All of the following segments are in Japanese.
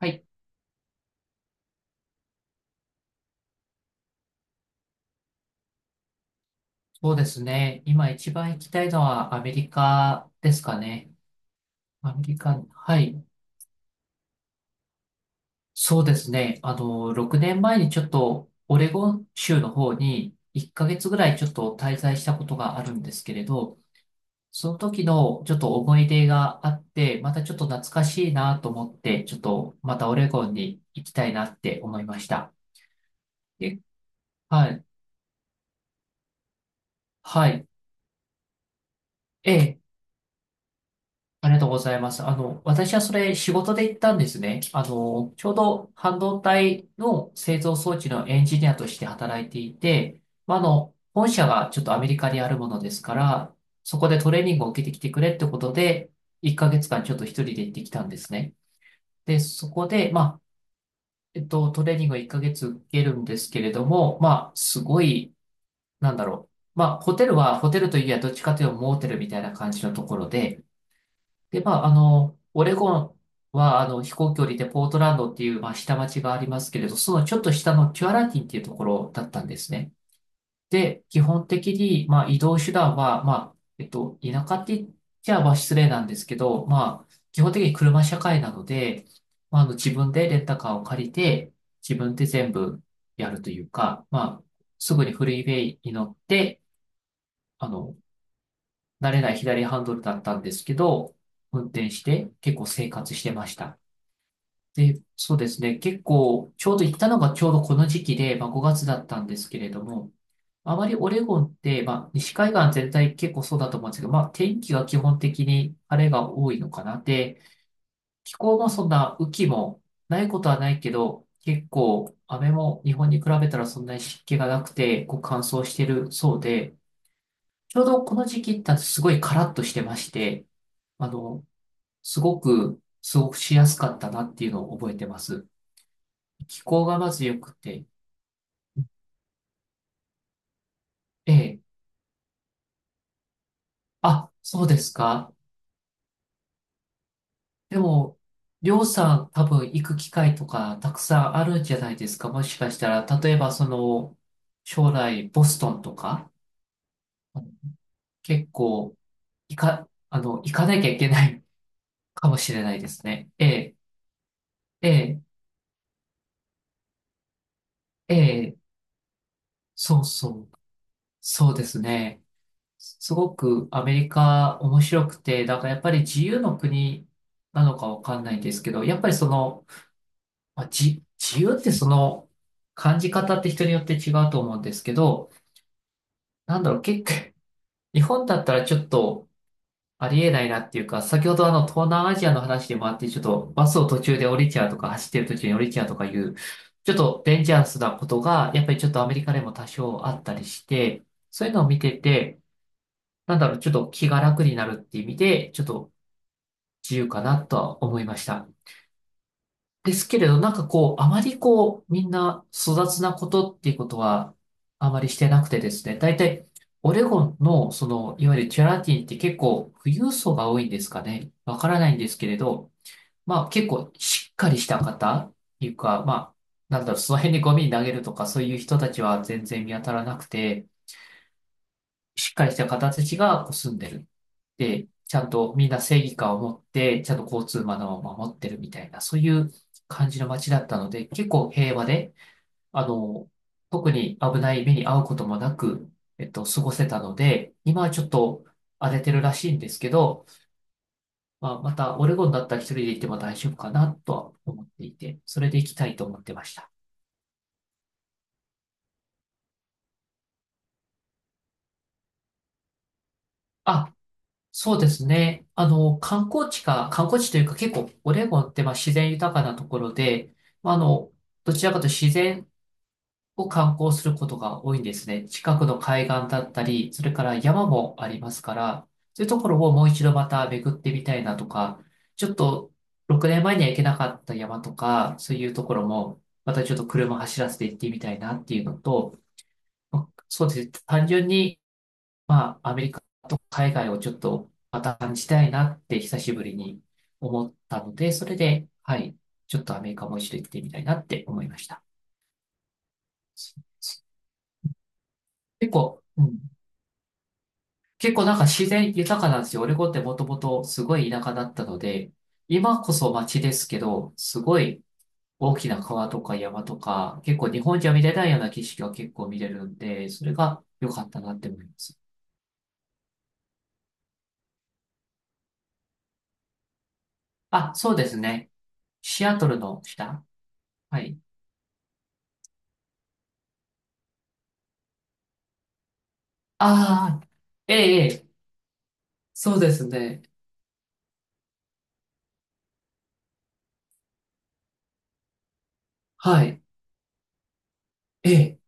はい、そうですね。今一番行きたいのはアメリカですかね。アメリカ、はい、そうですね。6年前にちょっとオレゴン州の方に1ヶ月ぐらいちょっと滞在したことがあるんですけれど、その時のちょっと思い出があって、またちょっと懐かしいなと思って、ちょっとまたオレゴンに行きたいなって思いました。え、はい、はい。ええ、ありがとうございます。私はそれ仕事で行ったんですね。ちょうど半導体の製造装置のエンジニアとして働いていて、まあ、本社がちょっとアメリカにあるものですから、そこでトレーニングを受けてきてくれってことで、1ヶ月間ちょっと一人で行ってきたんですね。で、そこで、まあ、トレーニングを1ヶ月受けるんですけれども、まあ、すごい、なんだろう。まあ、ホテルは、ホテルといえばどっちかというとモーテルみたいな感じのところで、で、まあ、オレゴンは、飛行距離でポートランドっていう、まあ、下町がありますけれど、そのちょっと下のキュアラティンっていうところだったんですね。で、基本的に、まあ、移動手段は、まあ、田舎って言っちゃ、まあ、失礼なんですけど、まあ、基本的に車社会なので、まあ、自分でレンタカーを借りて、自分で全部やるというか、まあ、すぐにフリーウェイに乗って、あの、慣れない左ハンドルだったんですけど、運転して結構生活してました。で、そうですね。結構、ちょうど行ったのがちょうどこの時期で、まあ、5月だったんですけれども、あまりオレゴンって、まあ、西海岸全体結構そうだと思うんですけど、まあ、天気が基本的に晴れが多いのかな。で、気候もそんな雨季もないことはないけど、結構雨も日本に比べたらそんなに湿気がなくて、こう乾燥してるそうで、ちょうどこの時期ってすごいカラッとしてまして、あの、すごく過ごしやすかったなっていうのを覚えてます。気候がまず良くて、ええ、あ、そうですか。でも、りょうさん多分行く機会とかたくさんあるんじゃないですか。もしかしたら、例えばその、将来ボストンとか、あの結構、行かなきゃいけない かもしれないですね。ええ、ええ、ええ、そうそう、そうですね。すごくアメリカ面白くて、だからやっぱり自由の国なのかわかんないんですけど、やっぱりその、まあ、自由ってその感じ方って人によって違うと思うんですけど、なんだろう、結構、日本だったらちょっとありえないなっていうか、先ほどあの東南アジアの話でもあって、ちょっとバスを途中で降りちゃうとか、走ってる途中に降りちゃうとかいう、ちょっとデンジャラスなことが、やっぱりちょっとアメリカでも多少あったりして、そういうのを見てて、なんだろう、ちょっと気が楽になるって意味で、ちょっと自由かなとは思いました。ですけれど、なんかこう、あまりこう、みんな粗雑なことっていうことは、あまりしてなくてですね、大体、オレゴンの、その、いわゆるチャラティって結構、富裕層が多いんですかね。わからないんですけれど、まあ結構しっかりした方っていうか、まあ、なんだろう、その辺にゴミ投げるとか、そういう人たちは全然見当たらなくて、しっかりした方たちがこう住んでる。で、ちゃんとみんな正義感を持って、ちゃんと交通マナーを守ってるみたいな、そういう感じの街だったので、結構平和で、あの、特に危ない目に遭うこともなく、過ごせたので、今はちょっと荒れてるらしいんですけど、まあ、またオレゴンだったら一人で行っても大丈夫かなとは思っていて、それで行きたいと思ってました。あ、そうですね。観光地というか結構オレゴンってまあ自然豊かなところで、まあ、どちらかというと自然を観光することが多いんですね。近くの海岸だったり、それから山もありますから、そういうところをもう一度また巡ってみたいなとか、ちょっと6年前には行けなかった山とか、そういうところもまたちょっと車走らせて行ってみたいなっていうのと、まあそうですね。単純にまあ、アメリカと海外をちょっとまた感じたいなって久しぶりに思ったので、それで、はい、ちょっとアメリカも一緒に行ってみたいなって思いました。結構、うん、結構なんか自然豊かなんですよ。オレゴンってもともとすごい田舎だったので、今こそ街ですけど、すごい大きな川とか山とか、結構日本じゃ見れないような景色が結構見れるんで、それが良かったなって思います。あ、そうですね。シアトルの下。はい。ああ、ええ、ええ、そうですね。はい。ええ、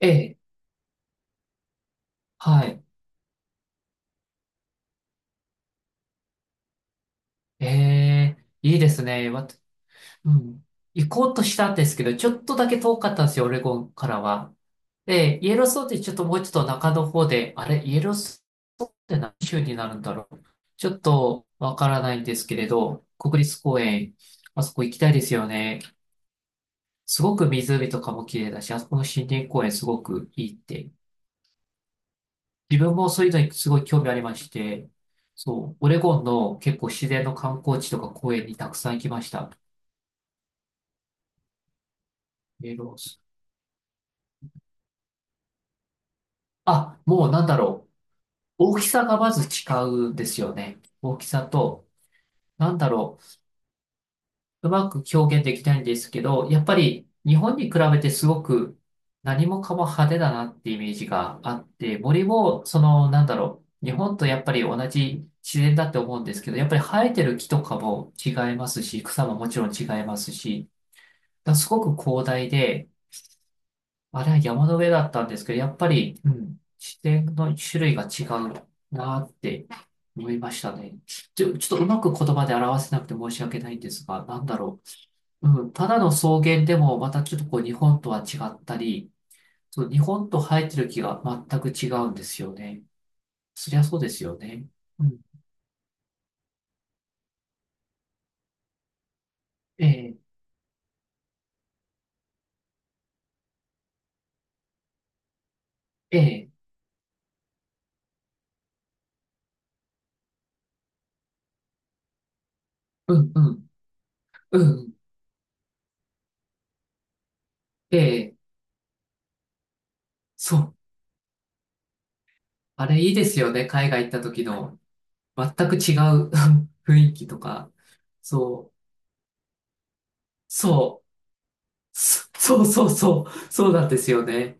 ええ、はい。ええ、いいですね。うん。行こうとしたんですけど、ちょっとだけ遠かったんですよ、オレゴンからは。で、イエローストーンってちょっともうちょっと中の方で、あれ、イエローストーンって何州になるんだろう。ちょっとわからないんですけれど、国立公園、あそこ行きたいですよね。すごく湖とかも綺麗だし、あそこの森林公園すごくいいって自分もそういうのにすごい興味ありまして、そう、オレゴンの結構自然の観光地とか公園にたくさん行きました。メールあ、もうなんだろう。大きさがまず違うんですよね。大きさと、なんだろう。うまく表現できないんですけど、やっぱり日本に比べてすごく何もかも派手だなってイメージがあって、森も、その、なんだろう。日本とやっぱり同じ自然だって思うんですけど、やっぱり生えてる木とかも違いますし、草ももちろん違いますし、だすごく広大で、あれは山の上だったんですけど、やっぱり、うん、自然の種類が違うなって思いましたね。ちょっとうまく言葉で表せなくて申し訳ないんですが、なんだろう。うん、ただの草原でもまたちょっとこう日本とは違ったり、そう、日本と生えてる木が全く違うんですよね。そりゃそうですよね。うん、ええ、ええ、うん、うん、うん、ええ、そう。あれいいですよね。海外行った時の。全く違う 雰囲気とか、そう、そう、そうなんですよね。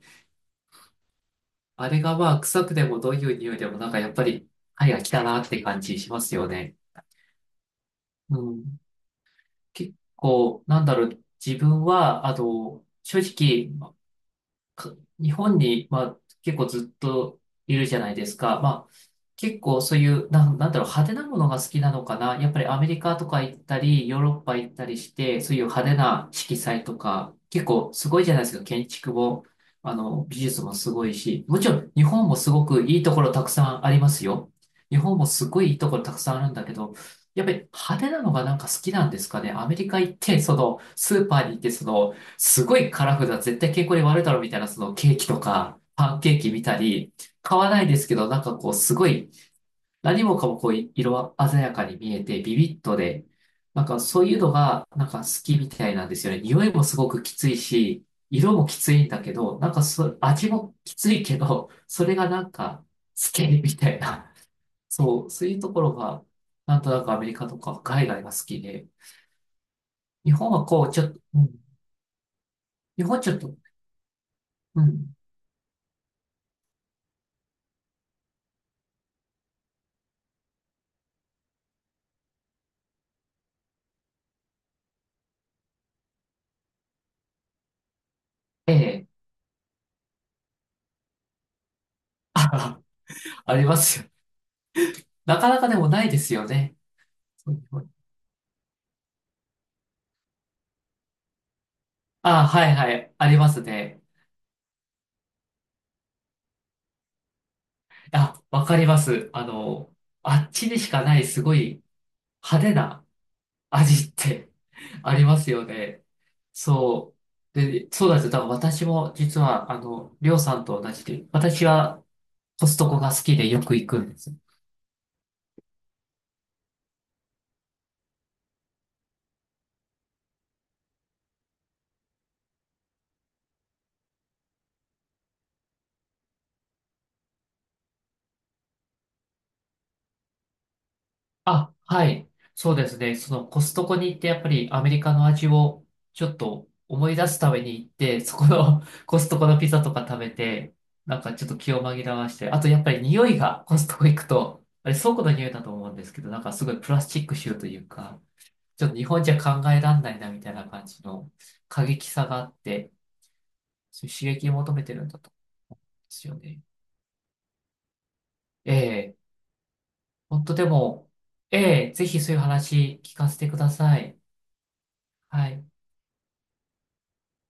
あれがまあ臭くてもどういう匂いでもなんかやっぱり肺が来たなって感じしますよね。うん。結構、なんだろう、自分は、あの、正直、か日本に、まあ、結構ずっといるじゃないですか。まあ、結構そういう、なんだろう、派手なものが好きなのかな。やっぱりアメリカとか行ったり、ヨーロッパ行ったりして、そういう派手な色彩とか、結構すごいじゃないですか。建築も、美術もすごいし、もちろん日本もすごくいいところたくさんありますよ。日本もすごいいいところたくさんあるんだけど、やっぱり派手なのがなんか好きなんですかね。アメリカ行って、その、スーパーに行って、その、すごいカラフルな、絶対健康に悪いだろうみたいな、そのケーキとか、パンケーキ見たり、買わないですけど、なんかこう、すごい、何もかもこう、色鮮やかに見えて、ビビッとで、なんかそういうのが、なんか好きみたいなんですよね。匂いもすごくきついし、色もきついんだけど、なんかそ、味もきついけど、それがなんか、好きみたいな。そう、そういうところが、なんとなくアメリカとか海外が好きで、日本はこう、ちょっと、うん、日本ちょっと、うん、ええ あ、ありますよ。なかなかでもないですよね。そうそうあ、はいはい、ありますね。あ、わかります。あの、あっちにしかないすごい派手な味って ありますよね。そう。で、そうなんですよ。だから私も実は、あの、りょうさんと同じで、私はコストコが好きでよく行くんです。あ、はい。そうですね。そのコストコに行ってやっぱりアメリカの味をちょっと思い出すために行って、そこの コストコのピザとか食べて、なんかちょっと気を紛らわして、あとやっぱり匂いがコストコ行くと、あれ倉庫の匂いだと思うんですけど、なんかすごいプラスチック臭というか、ちょっと日本じゃ考えらんないなみたいな感じの過激さがあって、そういう刺激を求めてるんだと思うんですよね。ええ、本当でも、ええ、ぜひそういう話聞かせてください。はい。